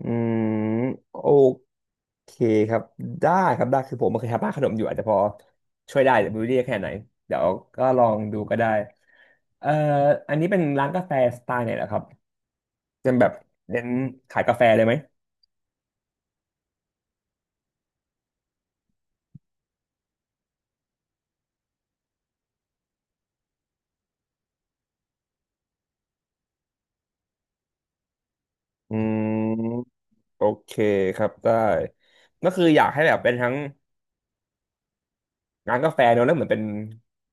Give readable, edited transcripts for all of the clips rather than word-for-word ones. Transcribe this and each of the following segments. อืมโอเคครับได้ครับได้คือผมไเคยทำบ้านขนมอยู่อาจจะพอช่วยได้แต่ไม่รู้ได้แค่ไหนเดี๋ยวก็ลองดูก็ได้เอ่ออันนี้เป็นร้านกาแฟสไตล์ไหนเหรอครับเป็นแบบเน้นขายกาแฟเลยไหมอืมโอเคครับได้ก็คืออยากให้แบบเป็นทั้งร้านกาแฟเนอะแล้วเหมือนเป็น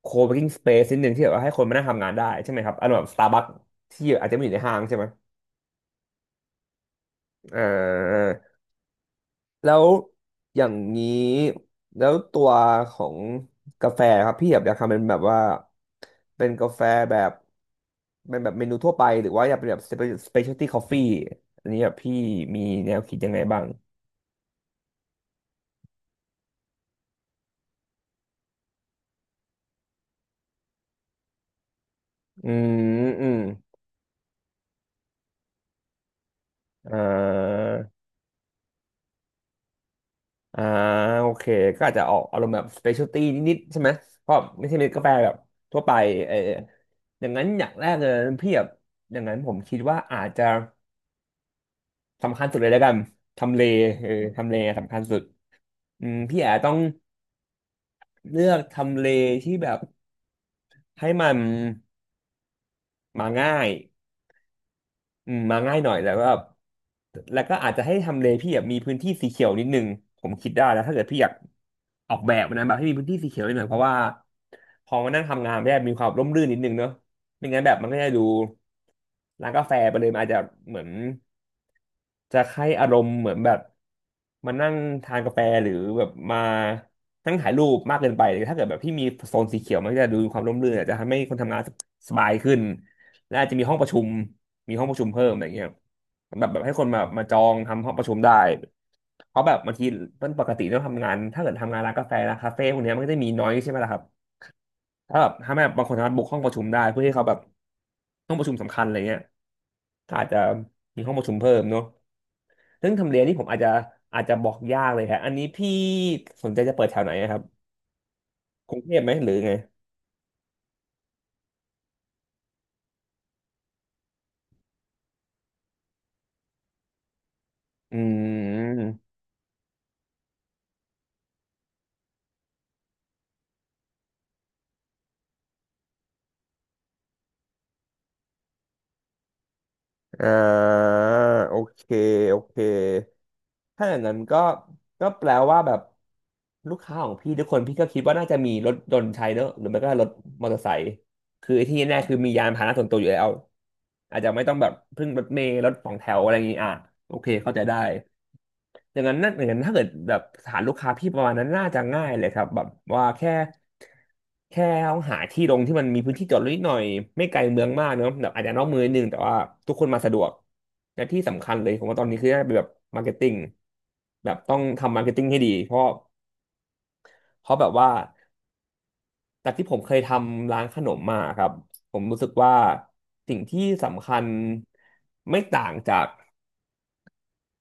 โคเวิร์กิ้งสเปซนิดนึงที่แบบว่าให้คนมานั่งทำงานได้ใช่ไหมครับอารมณ์แบบสตาร์บัคที่อาจจะไม่อยู่ในห้างใช่ไหมอ่า แล้วอย่างนี้แล้วตัวของกาแฟครับพี่แบบอยากทำเป็นแบบว่าเป็นกาแฟแบบเป็นแบบเมนูทั่วไปหรือว่าอยากเป็นแบบสเปเชียลตี้คอฟฟี่อันนี้แบบพี่มีแนวคิดยังไงบ้างอืมอืมอ่าอ่าโอเคก็อาจจะออกอารมณ์แบบสเปเชียลตี้นิดๆใช่ไหมเพราะไม่ใช่เป็นกาแฟแบบทั่วไปเอออย่างนั้นอย่างแรกเลยพี่แบบอย่างนั้นผมคิดว่าอาจจะ สำคัญสุดเลยแล้วกันทำเลเออทำเลสำคัญสุดอืมพี่แอาต้องเลือกทำเลที่แบบให้มันมาง่ายอืมมาง่ายหน่อยแล้วก็แบบแล้วก็อาจจะให้ทำเลพี่แบบมีพื้นที่สีเขียวนิดนึงผมคิดได้นะถ้าเกิดพี่อยากออกแบบนะแบบให้มีพื้นที่สีเขียวนิดหน่อยเพราะว่าพอมานั่งทำงานม่ได้มีความร่มรื่นนิดนึงเนอะไม่งั้นแบบมันก็จะดูร้านกาแฟไปเลยมันอาจจะเหมือน จะให้อารมณ์เหมือนแบบมานั่งทานกาแฟหรือแบบมานั่งถ่ายรูปมากเกินไปถ้าเกิดแบบที่มีโซนสีเขียวมันก็จะดูมีความร่มรื่นอาจจะทำให้คนทำงานสบายขึ้นและอาจจะมีห้องประชุมมีห้องประชุมเพิ่มอะไรเงี้ยแบบแบบให้คนมามาจองทำห้องประชุมได้เพราะแบบบางทีมันปกติต้องทำงานถ้าเกิดทำงานร้านกาแฟร้านคาเฟ่พวกเนี้ยมันก็จะมีน้อยใช่ไหมล่ะครับ ถ้าแบบถ้าแบบบางคนสามารถบุกห้องประชุมได้เพื่อให้เขาแบบห้องประชุมสำคัญอะไรเงี้ยก็อาจจะมีห้องประชุมเพิ่มเนาะเรื่องทำเลนี่ผมอาจจะอาจจะบอกยากเลยครับอันนี้พี่สนใจจะเปิดแถวไหนอะครับกรุงเทพไหมหรือไงอืม อ่าโอเคโอเคถ้าอย่างนั้นก็ก็แปลว่าแบบลูกค้าของพี่ทุกคนพี่ก็คิดว่าน่าจะมีรถยนต์ใช้เนอะหรือไม่ก็รถมอเตอร์ไซค์คือไอ้ที่แน่ๆคือมียานพาหนะส่วนตัวอยู่แล้วอาจจะไม่ต้องแบบพึ่งรถเมล์รถสองแถวอะไรอย่างงี้อ่ะโอเคเข้าใจได้ อย่างนั้นนั่นอย่างนั้นถ้าเกิดแบบฐานลูกค้าพี่ประมาณนั้นน่าจะง่ายเลยครับแบบว่าแค่แค่ต้องหาที่ลงที่มันมีพื้นที่จอดรถนิดหน่อยไม่ไกลเมืองมากเนอะแบบอาจจะนอกเมืองนิดนึงแต่ว่าทุกคนมาสะดวกและที่สำคัญเลยผมว่าตอนนี้คือน่าจะเป็นแบบมาร์เก็ตติ้งแบบต้องทำมาร์เก็ตติ้งให้ดีเพราะเพราะแบบว่าจากที่ผมเคยทำร้านขนมมาครับผมรู้สึกว่าสิ่งที่สำคัญไม่ต่างจาก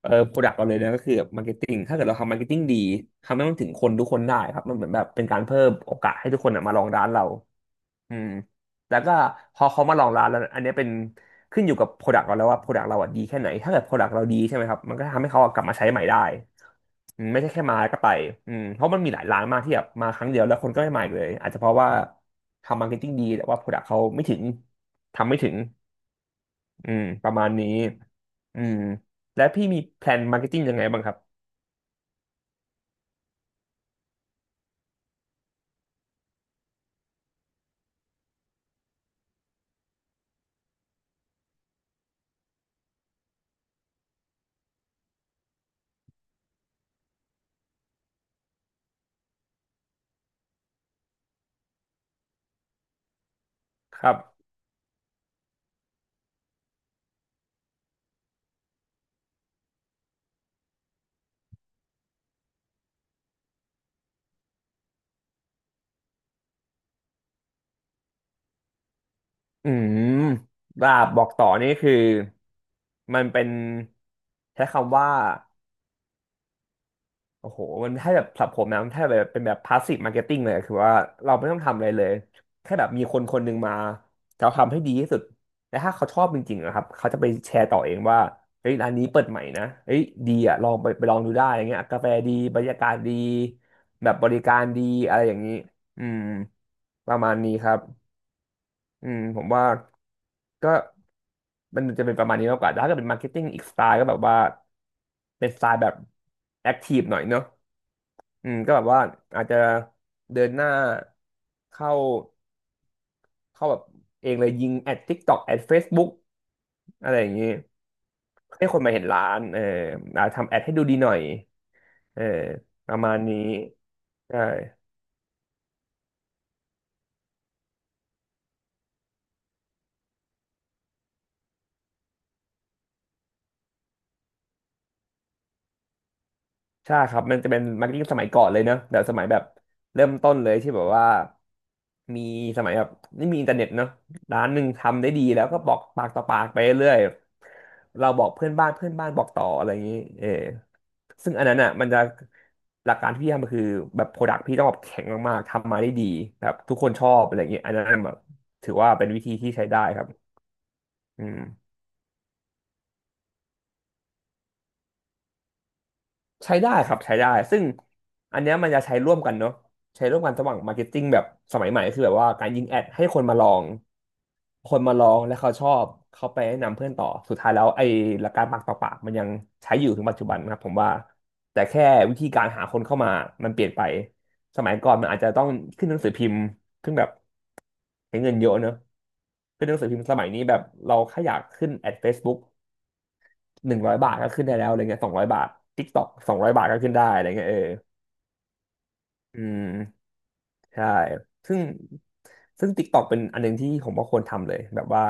เออโปรดักต์เราเลยนะก็คือมาร์เก็ตติ้งถ้าเกิดเราทำมาร์เก็ตติ้งดีทำให้มันถึงคนทุกคนได้ครับมันเหมือนแบบเป็นการเพิ่มโอกาสให้ทุกคนน่ะมาลองร้านเราอืมแล้วก็พอเขามาลองร้านแล้วอันเนี้ยเป็นขึ้นอยู่กับโปรดักต์เราแล้วว่าโปรดักต์เราอ่ะดีแค่ไหน ถ้าเกิดโปรดักต์เราดีใช่ไหมครับมันก็ทำให้เขาอะกลับมาใช้ใหม่ได้อืมไม่ใช่แค่มาแล้วก็ไปอืมเพราะมันมีหลายร้านมากที่แบบมาครั้งเดียวแล้วคนก็ไม่มาอีกเลยอาจจะเพราะว่าทำมาร์เก็ตติ้งดีแต่ว่าโปรดักต์เขาไม่ถึงทำไม่ถึง อืมประมาณนี้ อืมและพี่มีแพลนมาร์เก็ตติ้งยังไงบ้างครับครับ อืมลาบบอกต่อนี่คือมันเป็นใช้คำว่า โอ้โห มันถ้าแบบสำหรับผมนะมันถ้าแบบเป็นแบบพาสซีฟมาร์เก็ตติ้งเลย คือว่าเราไม่ต้องทำอะไรเลย แค่แบบมีคนคนหนึ่งมาเะาทำให้ดีที่สุดและถ้าเขาชอบจริงๆนะครับ เขาจะไปแชร์ต่อเองว่าเฮ้ยร้านนี้เปิดใหม่นะเฮ้ยดีอ่ะลองไปลองดูได้อย่างเงี้ยกาแฟดีบรรยากาศดีแบบบริการดีอะไรอย่างนี้ อืมประมาณนี้ครับอืมผมว่าก็มันจะเป็นประมาณนี้มากกว่า แต่ถ้าเกิดเป็นมาร์เก็ตติ้งอีกสไตล์ก็แบบว่าเป็นสไตล์แบบแอคทีฟหน่อยเนอะ อืมก็แบบว่าอาจจะเดินหน้าเข้าเข้าแบบเองเลยยิงแอด TikTok แอด Facebook อะไรอย่างนี้ให้คนมาเห็นร้านเอออาจทำแอดให้ดูดีหน่อยเออประมาณนี้ใช่ ใช่ครับมันจะเป็นมาร์เก็ตติ้งสมัยก่อนเลยเนอะแบบสมัยแบบเริ่มต้นเลยที่แบบว่ามีสมัยแบบไม่มีอินเทอร์เน็ตเนอะร้านหนึ่งทำได้ดีแล้วก็บอกปากต่อปากไปเรื่อยเราบอกเพื่อนบ้านเพื่อนบ้านบอกต่ออะไรอย่างนี้เออซึ่งอันนั้นอ่ะมันจะหลักการที่พี่ทำก็คือแบบโปรดักต์พี่ต้องแบบแข็งมากๆทำมาได้ดีแบบทุกคนชอบอะไรอย่างนี้อันนั้นแบบถือว่าเป็นวิธีที่ใช้ได้ครับอืม ใช้ได้ครับใช้ได้ซึ่งอันเนี้ยมันจะใช้ร่วมกันเนาะใช้ร่วมกันระหว่างมาร์เก็ตติ้งแบบสมัยใหม่คือแบบว่าการยิงแอดให้คนมาลองคนมาลองและเขาชอบเขาไปแนะนำเพื่อนต่อสุดท้ายแล้วไอ้หลักการปากต่อปากมันยังใช้อยู่ถึงปัจจุบันนะครับผมว่าแต่แค่วิธีการหาคนเข้ามามันเปลี่ยนไปสมัยก่อนมันอาจจะต้องขึ้นหนังสือพิมพ์ขึ้นแบบใช้เงินเยอะเนอะขึ้นหนังสือพิมพ์สมัยนี้แบบเราแค่อยากขึ้นแอด Facebook 100 บาทก็ขึ้นได้แล้วอะไรเงี้ยสองร้อยบาท TikTok สองร้อยบาทก็ขึ้นได้อะไรเงี้ยเออ อืมใช่ซึ่งซึ่ง TikTok เป็นอันหนึงที่ผมว่าควรทำเลยแบบว่า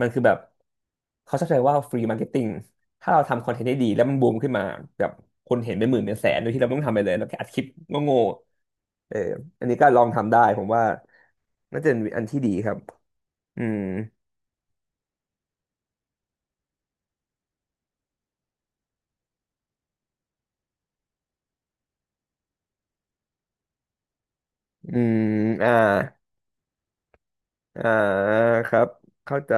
มันคือแบบเขาชอบใช้ว่า free marketing ถ้าเราทำคอนเทนต์ได้ดีแล้วมันบูมขึ้นมาแบบคนเห็นเป็นหมื่นเป็นแสนโดยที่เราไม่ต้องทำอะไรเลยเราแค่อัดคลิปโง่ๆเอออันนี้ก็ลองทำได้ผมว่าน่าจะเป็นอันที่ดีครับอืมอืมอ่า อ่าครับเข้าใจ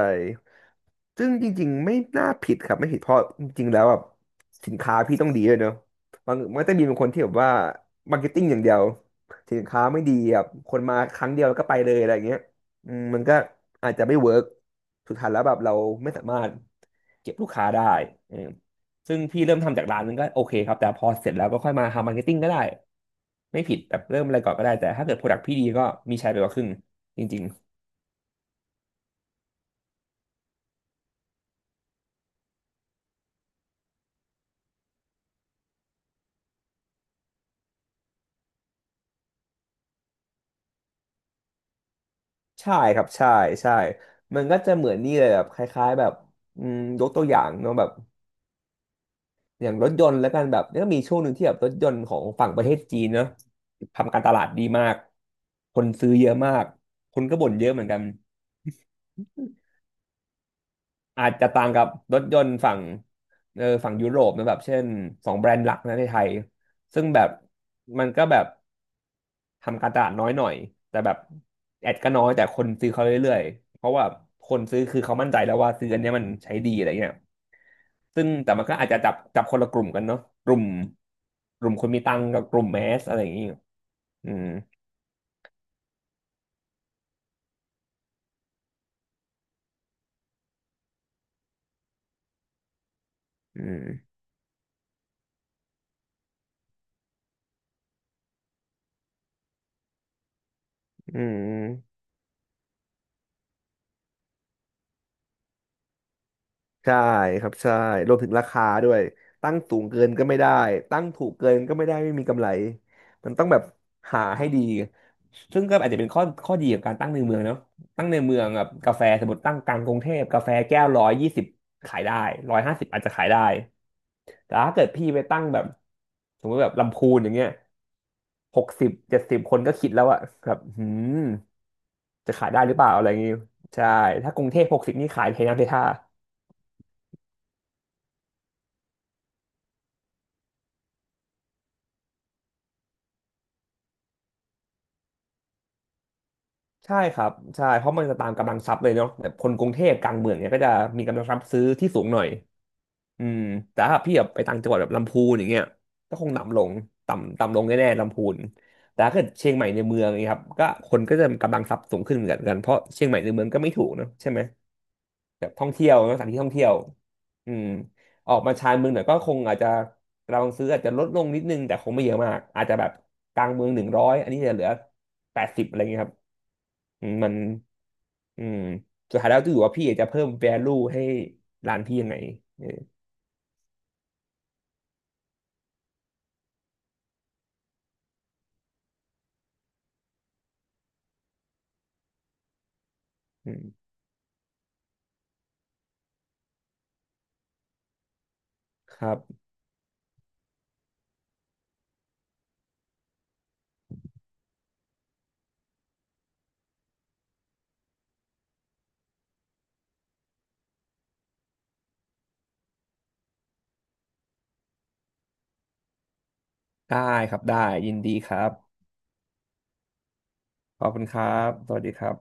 ซึ่งจริงๆไม่น่าผิดครับไม่ผิดเพราะจริงๆแล้วแบบสินค้าพี่ต้องดีเลยเนอะบางมันจะมีบางคนที่แบบว่ามาร์เก็ตติ้งอย่างเดียวสินค้าไม่ดีแบบคนมาครั้งเดียวแล้วก็ไปเลยอะไรอย่างเงี้ยอืมมันก็อาจจะไม่เวิร์กสุดท้ายแล้วแบบเราไม่สามารถเก็บลูกค้าได้เออซึ่งพี่เริ่มทำจากร้านนึงก็โอเคครับแต่พอเสร็จแล้วก็ค่อยมาทำมาร์เก็ตติ้งก็ได้ไม่ผิดแบบเริ่มอะไรก่อนก็ได้แต่ถ้าเกิดโปรดักต์พี่ดีก็มีใช้ไปกว่าครึ่งจริง ใช่ครับใช่ใช่ มันก็จะเหมือนนี่เลยแบบคล้ายๆแบบอืมยกตัวอย่างเนาะแบบอย่างรถยนต์แล้วกันแบบก็มีช่วงหนึ่งที่แบบรถยนต์ของฝั่งประเทศจีนเนาะทำการตลาดดีมากคนซื้อเยอะมากคนก็บ่นเยอะเหมือนกัน อาจจะต่างกับรถยนต์ฝั่งเออฝั่งยุโรปนะแบบเช่น2 แบรนด์หลักนะในไทยซึ่งแบบมันก็แบบ ทำการตลาดน้อยหน่อยแต่แบบแอดก็น้อยแต่คนซื้อเขาเรื่อยๆเพราะว่าคนซื้อคือเขามั่นใจแล้วว่าซื้ออันเนี้ยมันใช้ดีอะไรเงี้ยซึ่งแต่มันก็อาจจะจับคนละกลุ่มกันเนาะกลุ่มกลุ่มคนมีตังค์กับกลุ่มแมสอะไรอย่างงี้อืมอืมอืม ใช่ครับใช่รวมถึงราคาด้วยตั้งสูงเกินก็ไม่ได้ตั้งถูกเกินก็ไม่ได้ไม่มีกำไรมันต้องแบบหาให้ดีซึ่งก็อาจจะเป็นข้อดีของการตั้งในเมืองเนาะตั้งในเมืองแบบกาแฟสมมติตั้งกลางกรุงเทพกาแฟแก้ว120ขายได้150อาจจะขายได้แต่ถ้าเกิดพี่ไปตั้งแบบสมมติแบบลำพูนอย่างเงี้ย60-70คนก็คิดแล้วอะแบบหืมจะขายได้หรือเปล่าอะไรอย่างงี้ใช่ถ้ากรุงเทพหกสิบนี่ขายเทน้ำเทท่า ใช่ครับใช่เพราะมันจะตามกำลังทรัพย์เลยเนาะแบบคนกรุงเทพกลางเมืองเนี่ยก็จะมีกำลังทรัพย์ซื้อที่สูงหน่อยอืมแต่ถ้าพี่แบบไปต่างจังหวัดแบบลำพูนอย่างเงี้ยก็คงต่ำลงต่ำต่ำลงแน่ๆลำพูนแต่ถ้าเกิดเชียงใหม่ในเมืองอย่างเงี้ยครับก็คนก็จะกำลังทรัพย์สูงขึ้นเหมือนกันเพราะเชียงใหม่ในเมืองก็ไม่ถูกเนอะใช่ไหม แบบท่องเที่ยวนะสถานที่ท่องเที่ยวอืมออกมาชานเมืองหน่อยก็คงอาจจะเราซื้ออาจจะลดลงนิดนึงแต่คงไม่เยอะมากอาจจะแบบกลางเมืองหนึ่งร้อยอันนี้จะเหลือ80อะไรเงี้ยครับอืมมันอืมสุดท้ายแล้วจะอยู่ว่าพี่อยากจะเพิ่ม value ให้ร้านพี่ยังไงเอออืมครับได้ครับได้ยินดีครับขอบคุณครับสวัสดีครับ